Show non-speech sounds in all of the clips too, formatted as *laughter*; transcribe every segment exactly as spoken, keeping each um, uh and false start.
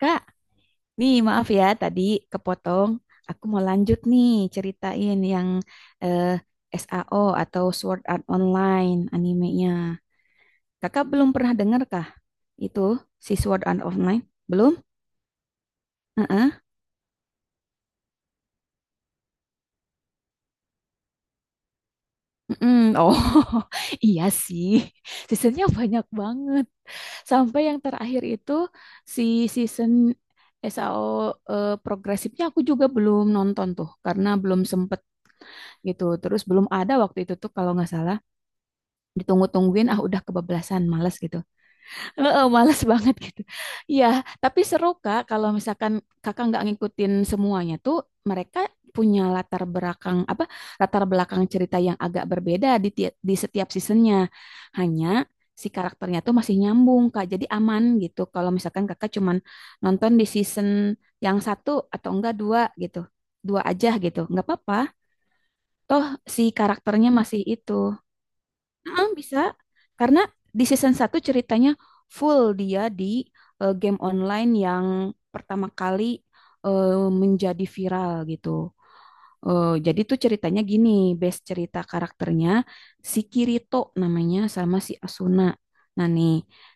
Kak, nih maaf ya tadi kepotong. Aku mau lanjut nih ceritain yang eh, S A O atau Sword Art Online animenya. Kakak belum pernah dengar kah itu si Sword Art Online? Belum? Heeh. Mm-mm. Oh, *laughs* iya sih. Seasonnya banyak banget. Sampai yang terakhir itu si season S A O eh, progresifnya aku juga belum nonton tuh karena belum sempet gitu. Terus belum ada waktu itu tuh kalau nggak salah ditunggu-tungguin ah udah kebablasan males gitu. Heeh, males *laughs* banget gitu ya, tapi seru kak kalau misalkan kakak nggak ngikutin semuanya tuh mereka punya latar belakang apa, latar belakang cerita yang agak berbeda di ti- di setiap seasonnya, hanya si karakternya tuh masih nyambung kak, jadi aman gitu kalau misalkan kakak cuman nonton di season yang satu atau enggak dua gitu, dua aja gitu nggak apa-apa toh si karakternya masih itu. Mm, bisa karena di season satu ceritanya full dia di eh, game online yang pertama kali eh, menjadi viral gitu. Eh, jadi tuh ceritanya gini, base cerita karakternya si Kirito namanya sama si Asuna. Nah nih,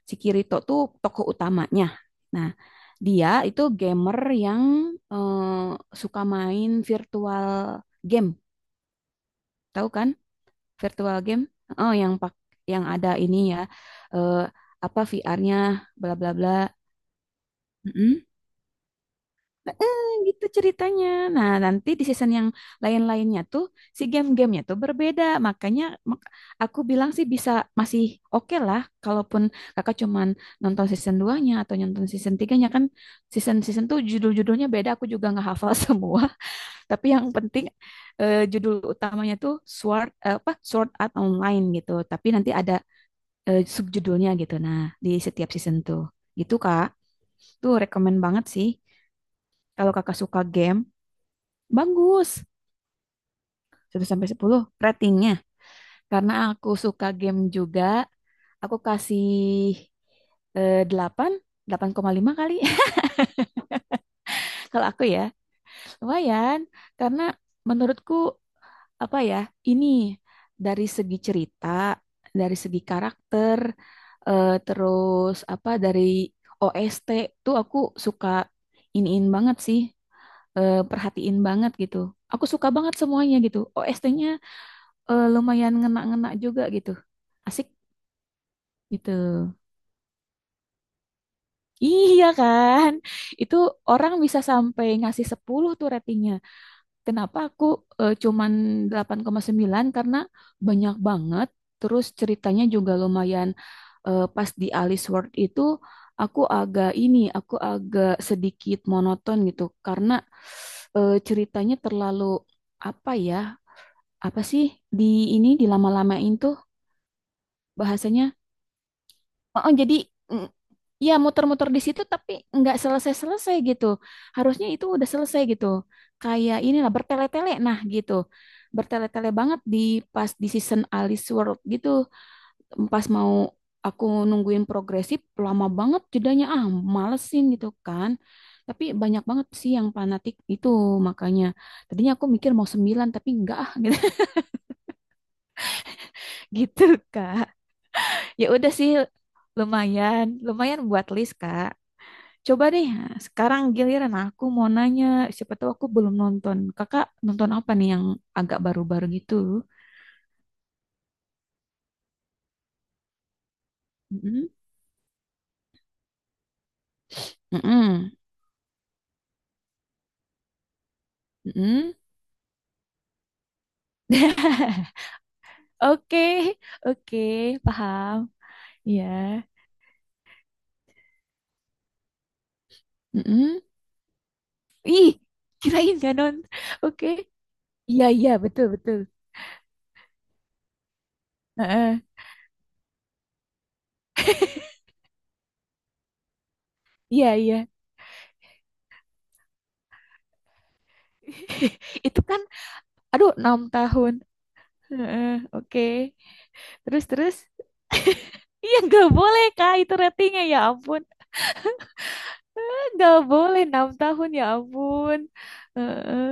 si Kirito tuh tokoh utamanya. Nah, dia itu gamer yang eh, suka main virtual game, tahu kan? Virtual game, oh yang pak yang ada ini ya, eh, apa V R-nya bla bla bla. Mm-mm. Eh, Gitu ceritanya, nah nanti di season yang lain-lainnya tuh si game-gamenya tuh berbeda makanya mak- aku bilang sih bisa, masih oke lah kalaupun kakak cuman nonton season dua-nya atau nonton season tiga-nya kan, season-season tuh judul-judulnya beda, aku juga nggak hafal *laughs* semua. Tapi yang penting eh, judul utamanya tuh Sword, eh, apa Sword Art Online gitu. Tapi nanti ada eh, subjudulnya gitu. Nah, di setiap season tuh. Gitu, Kak. Tuh rekomen banget sih. Kalau Kakak suka game, bagus. Satu sampai sepuluh ratingnya. Karena aku suka game juga, aku kasih eh, delapan, delapan koma lima kali *laughs* kalau aku ya. Lumayan, karena menurutku apa ya, ini dari segi cerita, dari segi karakter, eh, terus apa dari O S T tuh aku suka iniin banget sih, eh, perhatiin banget gitu. Aku suka banget semuanya gitu. O S T-nya lumayan ngena-ngena juga gitu. Asik gitu. Iya kan? Itu orang bisa sampai ngasih sepuluh tuh ratingnya. Kenapa aku eh, cuman delapan koma sembilan karena banyak banget, terus ceritanya juga lumayan, eh, pas di Alice World itu aku agak ini, aku agak sedikit monoton gitu, karena eh, ceritanya terlalu apa ya, apa sih, di ini dilama-lamain tuh bahasanya. Oh, oh, jadi mm, ya muter-muter di situ tapi nggak selesai-selesai gitu. Harusnya itu udah selesai gitu. Kayak inilah bertele-tele nah gitu. Bertele-tele banget di pas di season Alice World gitu. Pas mau aku nungguin progresif lama banget jedanya, ah malesin gitu kan. Tapi banyak banget sih yang fanatik itu makanya. Tadinya aku mikir mau sembilan tapi enggak ah *laughs* gitu, gitu Kak. Ya udah sih lumayan, lumayan buat list Kak. Coba deh, sekarang giliran aku mau nanya, siapa tahu aku belum nonton. Kakak nonton apa nih yang agak baru-baru gitu? Mm-mm, mm-mm, mm-mm. *laughs* Oke, oke, paham. Iya. Mm. Ih, kirain gak non. Oke. Iya, iya, betul, betul. Heeh. Iya, iya. *laughs* Itu kan, aduh, enam tahun. Heeh, oke. Terus, terus. *laughs* Iya, nggak boleh, Kak. Itu ratingnya, ya ampun. Eh, Nggak boleh enam tahun ya ampun. Heeh,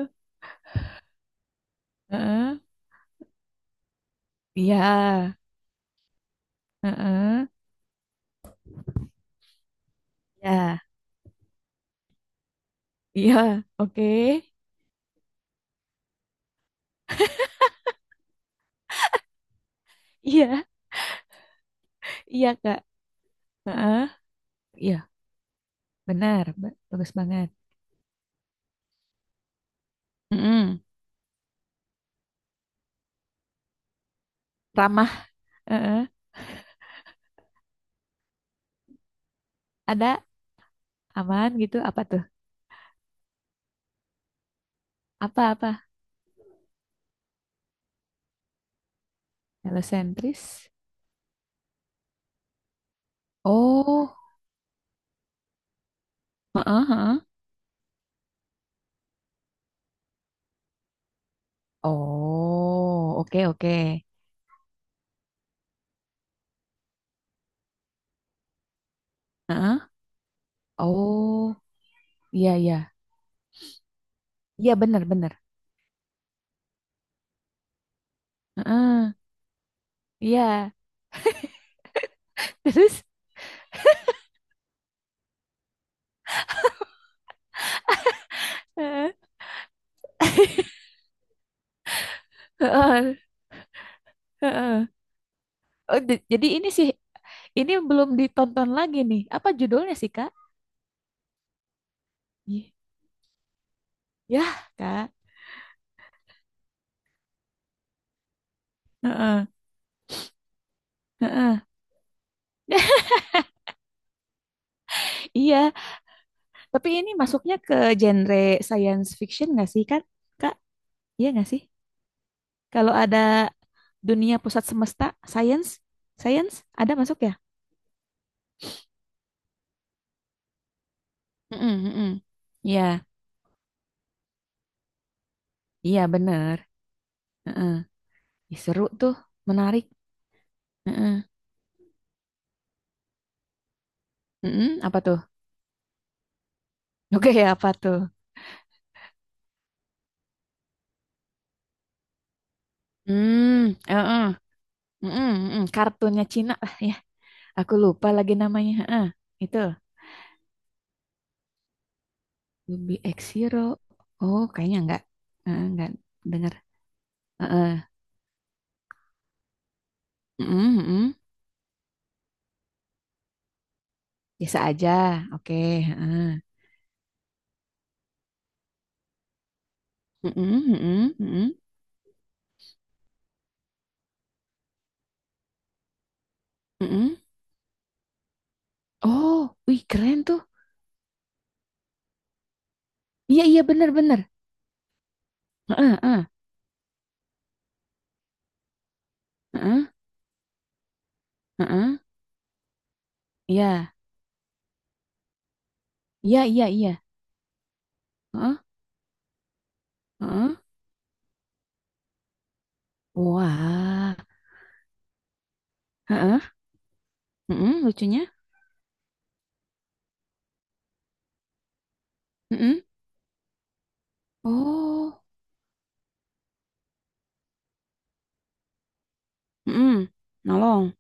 heeh. Iya, heeh. Ya, iya, oke. Iya, iya Kak. Heeh. Iya, benar, Ba- bagus banget. Mm-mm. Ramah, heeh. Ada aman gitu. Apa tuh? Apa-apa? Heliocentris. Oh, heeh, heeh. Oh, oke oke. Heeh. Oh, iya iya. Iya benar benar. Heeh. Iya. Terus, heeh. *laughs* Heeh, heeh. Oh, di- jadi ini sih, ini belum ditonton lagi nih. Apa judulnya sih, Kak? Y- Ya, Kak. Heeh, heeh. *laughs* Iya, tapi ini masuknya ke genre science fiction nggak sih, kan? Kak, iya nggak sih? Kalau ada dunia pusat semesta, science, science, ada masuk ya? Heeh, heeh. Iya, iya bener. Heeh. Ih, seru tuh, menarik. Heeh. Heeh, apa tuh? *laughs* Oke, apa tuh? Hmm, heeh. Mm-mm, mm-mm, kartunnya Cina lah ya. Aku lupa lagi namanya. Heeh, itu Ruby X Hero. Oh, kayaknya enggak. Heeh, enggak dengar. Heeh. Mm-mm, mm-mm. Biasa aja. Oke, heeh. Mm-mm, mm-mm, mm-mm, mm-mm. Oh, wih keren tuh. Iya, iya benar-benar. Heeh, heeh, heeh, heeh. Iya, iya, iya, iya. Heeh, heeh. Wah. Heeh, mm-mm, lucunya. Mm-mm. Oh, mm-mm. Nolong.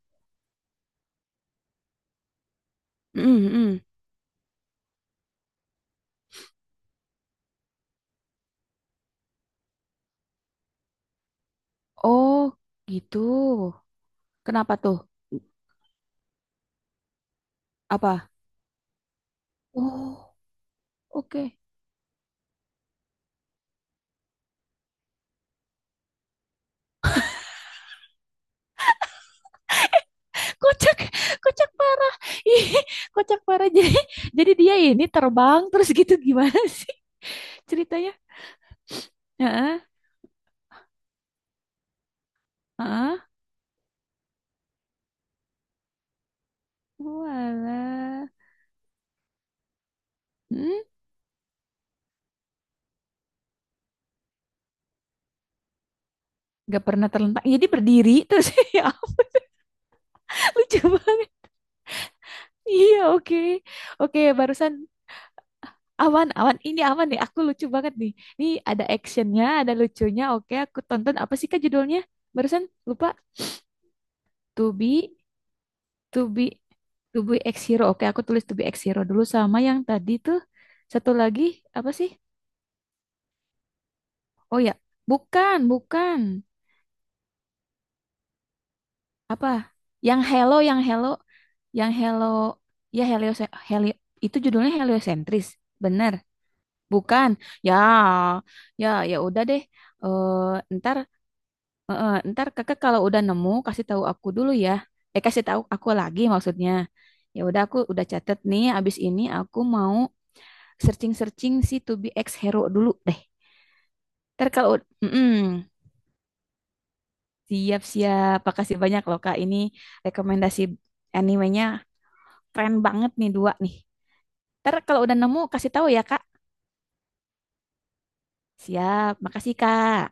Mm-mm, mm-mm. Oh, gitu. Kenapa tuh? Apa? Oh, oke. Kocak, kocak parah. *laughs* Ih, kocak parah. Jadi, jadi dia ini terbang terus gitu gimana sih ceritanya? Heeh, heeh. Walah. Hmm, gak pernah terlentang. Jadi berdiri terus. *laughs* Ya, lucu banget. Iya, oke. Oke, barusan awan, awan. Ini awan nih. Aku lucu banget nih. Ini ada actionnya, ada lucunya. Oke, aku tonton. Apa sih kak judulnya? Barusan lupa. To be, to be, to be X Hero. Oke, aku tulis to be X Hero dulu sama yang tadi tuh. Satu lagi apa sih? Oh ya, bukan, bukan. Apa? Yang Hello, yang Hello, yang Hello. Ya Helio, Helio. Itu judulnya heliosentris. Bener. Bukan. Ya, ya, ya udah deh. Eh, ntar, eh, eh, ntar kakak kalau udah nemu kasih tahu aku dulu ya. Eh kasih tahu aku lagi maksudnya. Ya udah aku udah catet nih. Abis ini aku mau searching-searching si To Be Ex Hero dulu deh. Ntar kalau mm-mm, siap-siap, makasih banyak loh Kak. Ini rekomendasi animenya keren banget nih dua nih. Ntar kalau udah nemu kasih tahu ya Kak. Siap, makasih Kak.